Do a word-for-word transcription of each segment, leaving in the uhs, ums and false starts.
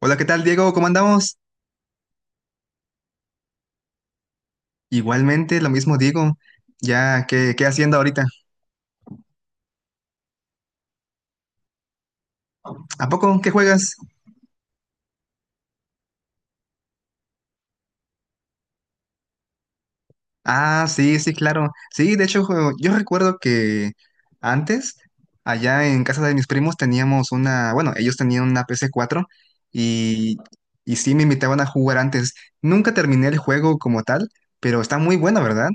Hola, ¿qué tal, Diego? ¿Cómo andamos? Igualmente, lo mismo digo. Ya, ¿qué, qué haciendo ahorita? ¿A poco? ¿Qué juegas? Ah, sí, sí, claro. Sí, de hecho, jo- yo recuerdo que antes, allá en casa de mis primos, teníamos una, bueno, ellos tenían una pc cuatro y, y sí me invitaban a jugar antes. Nunca terminé el juego como tal, pero está muy bueno, ¿verdad?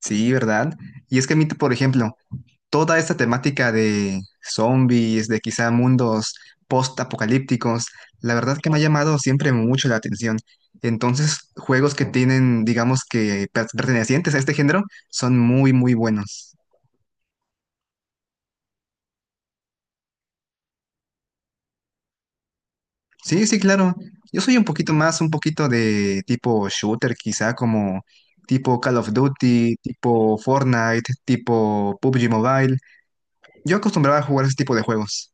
Sí, ¿verdad? Y es que a mí, por ejemplo, toda esta temática de zombies, de quizá mundos post-apocalípticos, la verdad que me ha llamado siempre mucho la atención. Entonces, juegos que tienen, digamos que per- pertenecientes a este género, son muy, muy buenos. Sí, sí, claro. Yo soy un poquito más, un poquito de tipo shooter, quizá como tipo Call of Duty, tipo Fortnite, tipo PUBG Mobile. Yo acostumbraba a jugar ese tipo de juegos.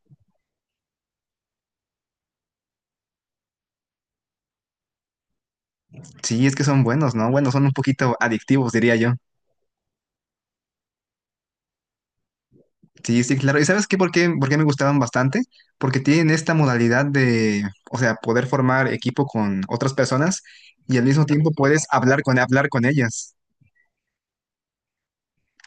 Sí, es que son buenos, ¿no? Bueno, son un poquito adictivos, diría yo. Sí, sí, claro. ¿Y sabes qué? ¿Por qué, por qué me gustaban bastante? Porque tienen esta modalidad de, o sea, poder formar equipo con otras personas y al mismo tiempo puedes hablar con, hablar con ellas.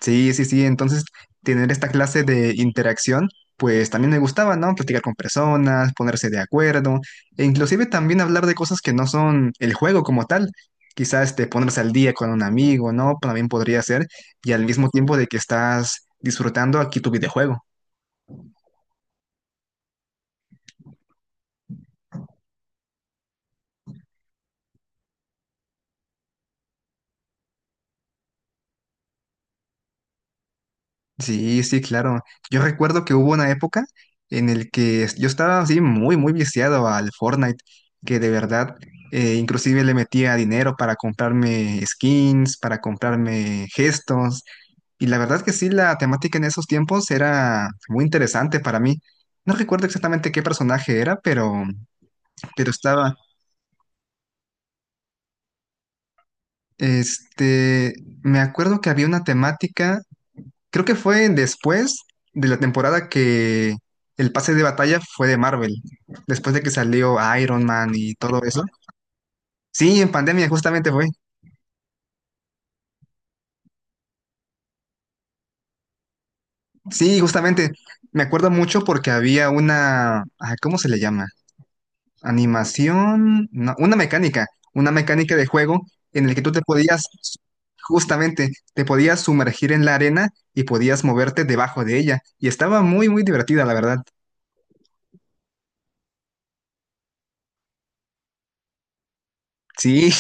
Sí, sí, sí. Entonces, tener esta clase de interacción, pues también me gustaba, ¿no? Platicar con personas, ponerse de acuerdo, e inclusive también hablar de cosas que no son el juego como tal. Quizás este, ponerse al día con un amigo, ¿no? También podría ser. Y al mismo tiempo de que estás disfrutando aquí tu videojuego. Sí, sí, claro. Yo recuerdo que hubo una época en el que es- yo estaba así muy, muy viciado al Fortnite, que de verdad, eh, inclusive le metía dinero para comprarme skins, para comprarme gestos. Y la verdad que sí, la temática en esos tiempos era muy interesante para mí. No recuerdo exactamente qué personaje era, pero, pero estaba. Este, me acuerdo que había una temática. Creo que fue después de la temporada que el pase de batalla fue de Marvel, después de que salió Iron Man y todo eso. Sí, en pandemia justamente fue. Sí, justamente. Me acuerdo mucho porque había una, ah, ¿cómo se le llama? Animación, no, una mecánica, una mecánica de juego en el que tú te podías, justamente, te podías sumergir en la arena y podías moverte debajo de ella. Y estaba muy, muy divertida, la verdad. Sí,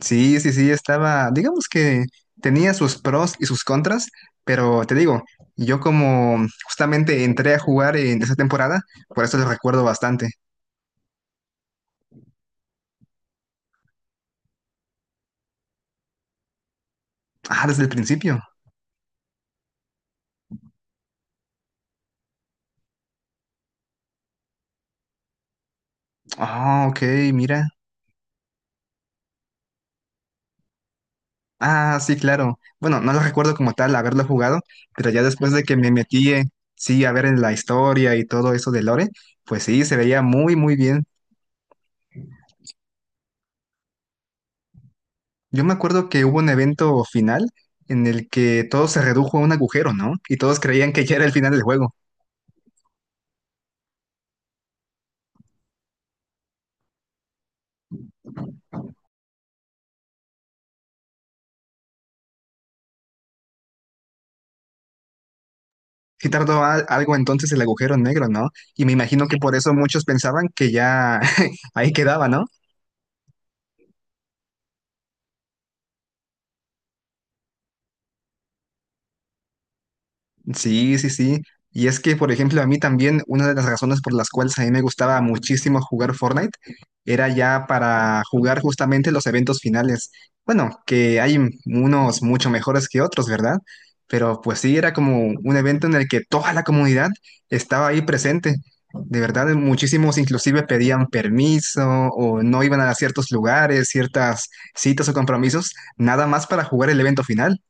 sí, sí, sí, estaba, digamos que tenía sus pros y sus contras, pero te digo, yo como justamente entré a jugar en esa temporada, por eso lo recuerdo bastante. Ah, desde el principio. Ah, ok, mira. Ah, sí, claro. Bueno, no lo recuerdo como tal haberlo jugado, pero ya después de que me metí, eh, sí, a ver en la historia y todo eso de Lore, pues sí, se veía muy, muy bien. Yo me acuerdo que hubo un evento final en el que todo se redujo a un agujero, ¿no? Y todos creían que ya era el final del juego. Sí tardó al- algo entonces el agujero negro, ¿no? Y me imagino que por eso muchos pensaban que ya ahí quedaba, ¿no? Sí, sí, sí. Y es que, por ejemplo, a mí también una de las razones por las cuales a mí me gustaba muchísimo jugar Fortnite era ya para jugar justamente los eventos finales. Bueno, que hay unos mucho mejores que otros, ¿verdad? Pero pues sí, era como un evento en el que toda la comunidad estaba ahí presente. De verdad, muchísimos inclusive pedían permiso o no iban a ciertos lugares, ciertas citas o compromisos, nada más para jugar el evento final.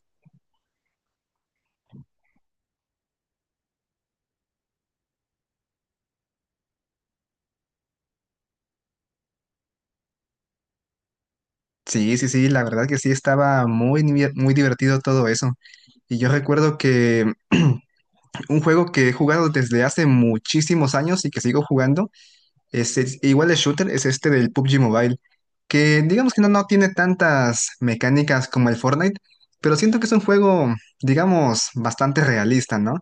Sí, sí, sí, la verdad que sí, estaba muy, ni- muy divertido todo eso. Y yo recuerdo que un juego que he jugado desde hace muchísimos años y que sigo jugando, es, es- igual de shooter, es este del PUBG Mobile, que digamos que no, no tiene tantas mecánicas como el Fortnite, pero siento que es un juego, digamos, bastante realista, ¿no?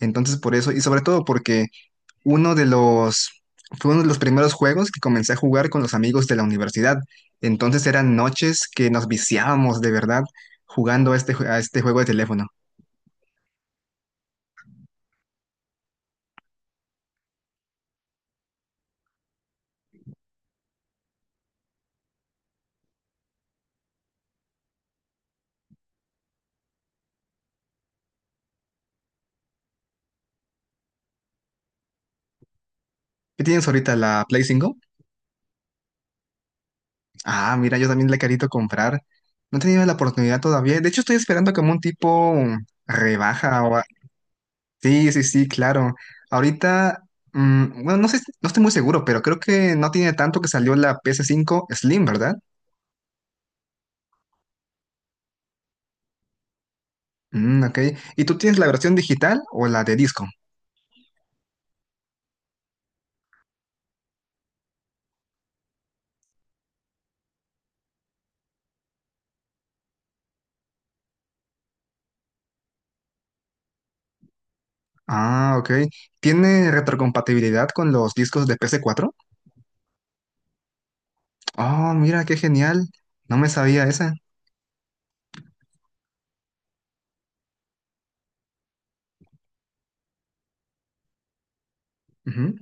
Entonces por eso, y sobre todo porque uno de los, fue uno de los primeros juegos que comencé a jugar con los amigos de la universidad. Entonces eran noches que nos viciábamos de verdad jugando a este, jue- a este juego de teléfono. ¿Qué tienes ahorita, la Play cinco? Ah, mira, yo también la he querido comprar. No he tenido la oportunidad todavía. De hecho, estoy esperando como un tipo rebaja o... a- Sí, sí, sí, claro. Ahorita, mm, bueno, no sé, no estoy muy seguro, pero creo que no tiene tanto que salió la ps cinco Slim, ¿verdad? Mm, ok. ¿Y tú tienes la versión digital o la de disco? Ah, ok. ¿Tiene retrocompatibilidad con los discos de ps cuatro? Oh, mira, qué genial. No me sabía esa. Ujú.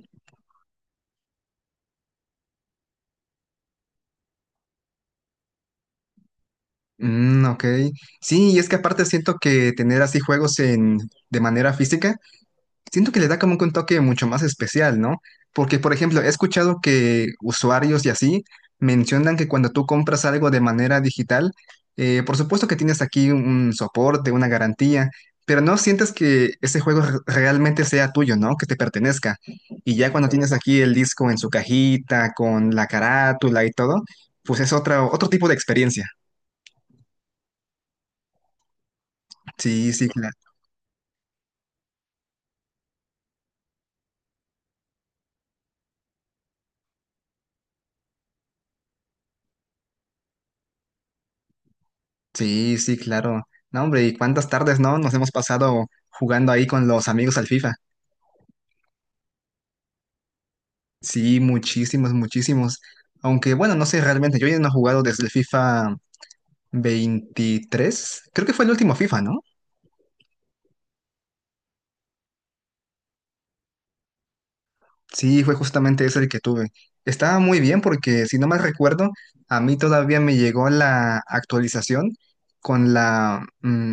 Mm, ok. Sí, y es que aparte siento que tener así juegos en, de manera física siento que le da como que un toque mucho más especial, ¿no? Porque, por ejemplo, he escuchado que usuarios y así mencionan que cuando tú compras algo de manera digital, eh, por supuesto que tienes aquí un soporte, una garantía, pero no sientes que ese juego re- realmente sea tuyo, ¿no? Que te pertenezca. Y ya cuando tienes aquí el disco en su cajita, con la carátula y todo, pues es otra, otro tipo de experiencia. Sí, sí, claro. Sí, sí, claro. No, hombre, ¿y cuántas tardes, no? Nos hemos pasado jugando ahí con los amigos al FIFA. Sí, muchísimos, muchísimos. Aunque bueno, no sé realmente, yo ya no he jugado desde el FIFA veintitrés. Creo que fue el último FIFA, ¿no? Sí, fue justamente ese el que tuve. Estaba muy bien porque, si no mal recuerdo, a mí todavía me llegó la actualización con la, mm,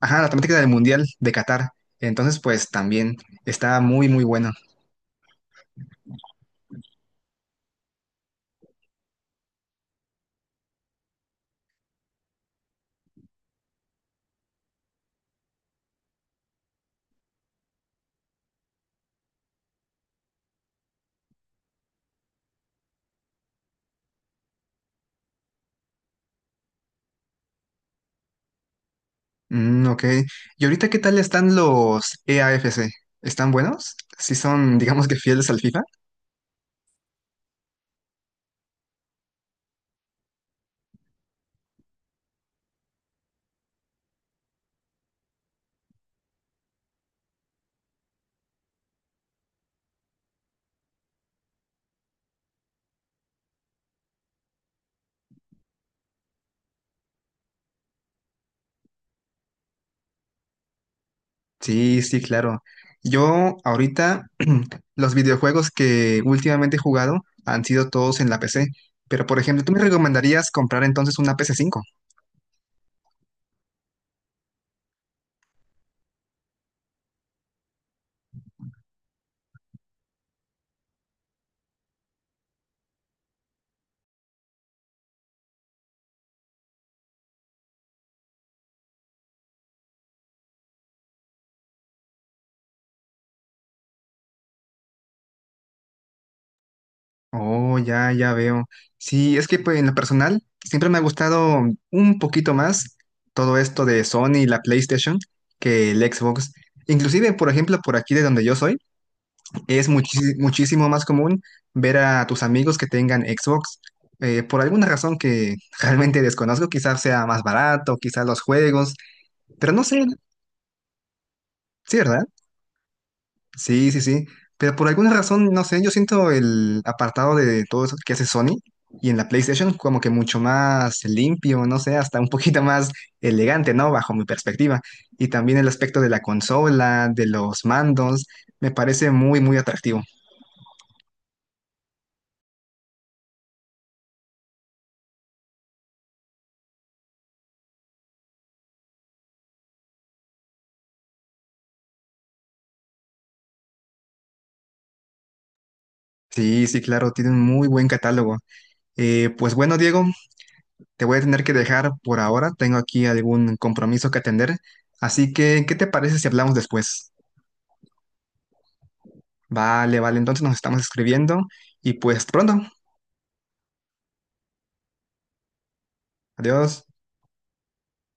ajá, la temática del Mundial de Qatar. Entonces, pues también estaba muy, muy bueno. Mm, ok. ¿Y ahorita qué tal están los E A F C? ¿Están buenos? ¿Sí son, digamos que fieles al FIFA? Sí, sí, claro. Yo ahorita los videojuegos que últimamente he jugado han sido todos en la P C, pero por ejemplo, ¿tú me recomendarías comprar entonces una pc cinco? Oh, ya, ya veo. Sí, es que pues, en lo personal siempre me ha gustado un poquito más todo esto de Sony y la PlayStation que el Xbox. Inclusive, por ejemplo, por aquí de donde yo soy. Es muchis- muchísimo más común ver a tus amigos que tengan Xbox. Eh, por alguna razón que realmente desconozco, quizás sea más barato, quizás los juegos, pero no sé, sí, ¿verdad? Sí, sí, sí. Pero por alguna razón, no sé, yo siento el apartado de todo eso que hace Sony y en la PlayStation como que mucho más limpio, no sé, hasta un poquito más elegante, ¿no? Bajo mi perspectiva. Y también el aspecto de la consola, de los mandos, me parece muy, muy atractivo. Sí, sí, claro, tiene un muy buen catálogo. Eh, pues bueno, Diego, te voy a tener que dejar por ahora. Tengo aquí algún compromiso que atender. Así que, ¿qué te parece si hablamos después? Vale, vale, entonces nos estamos escribiendo y pues pronto. Adiós.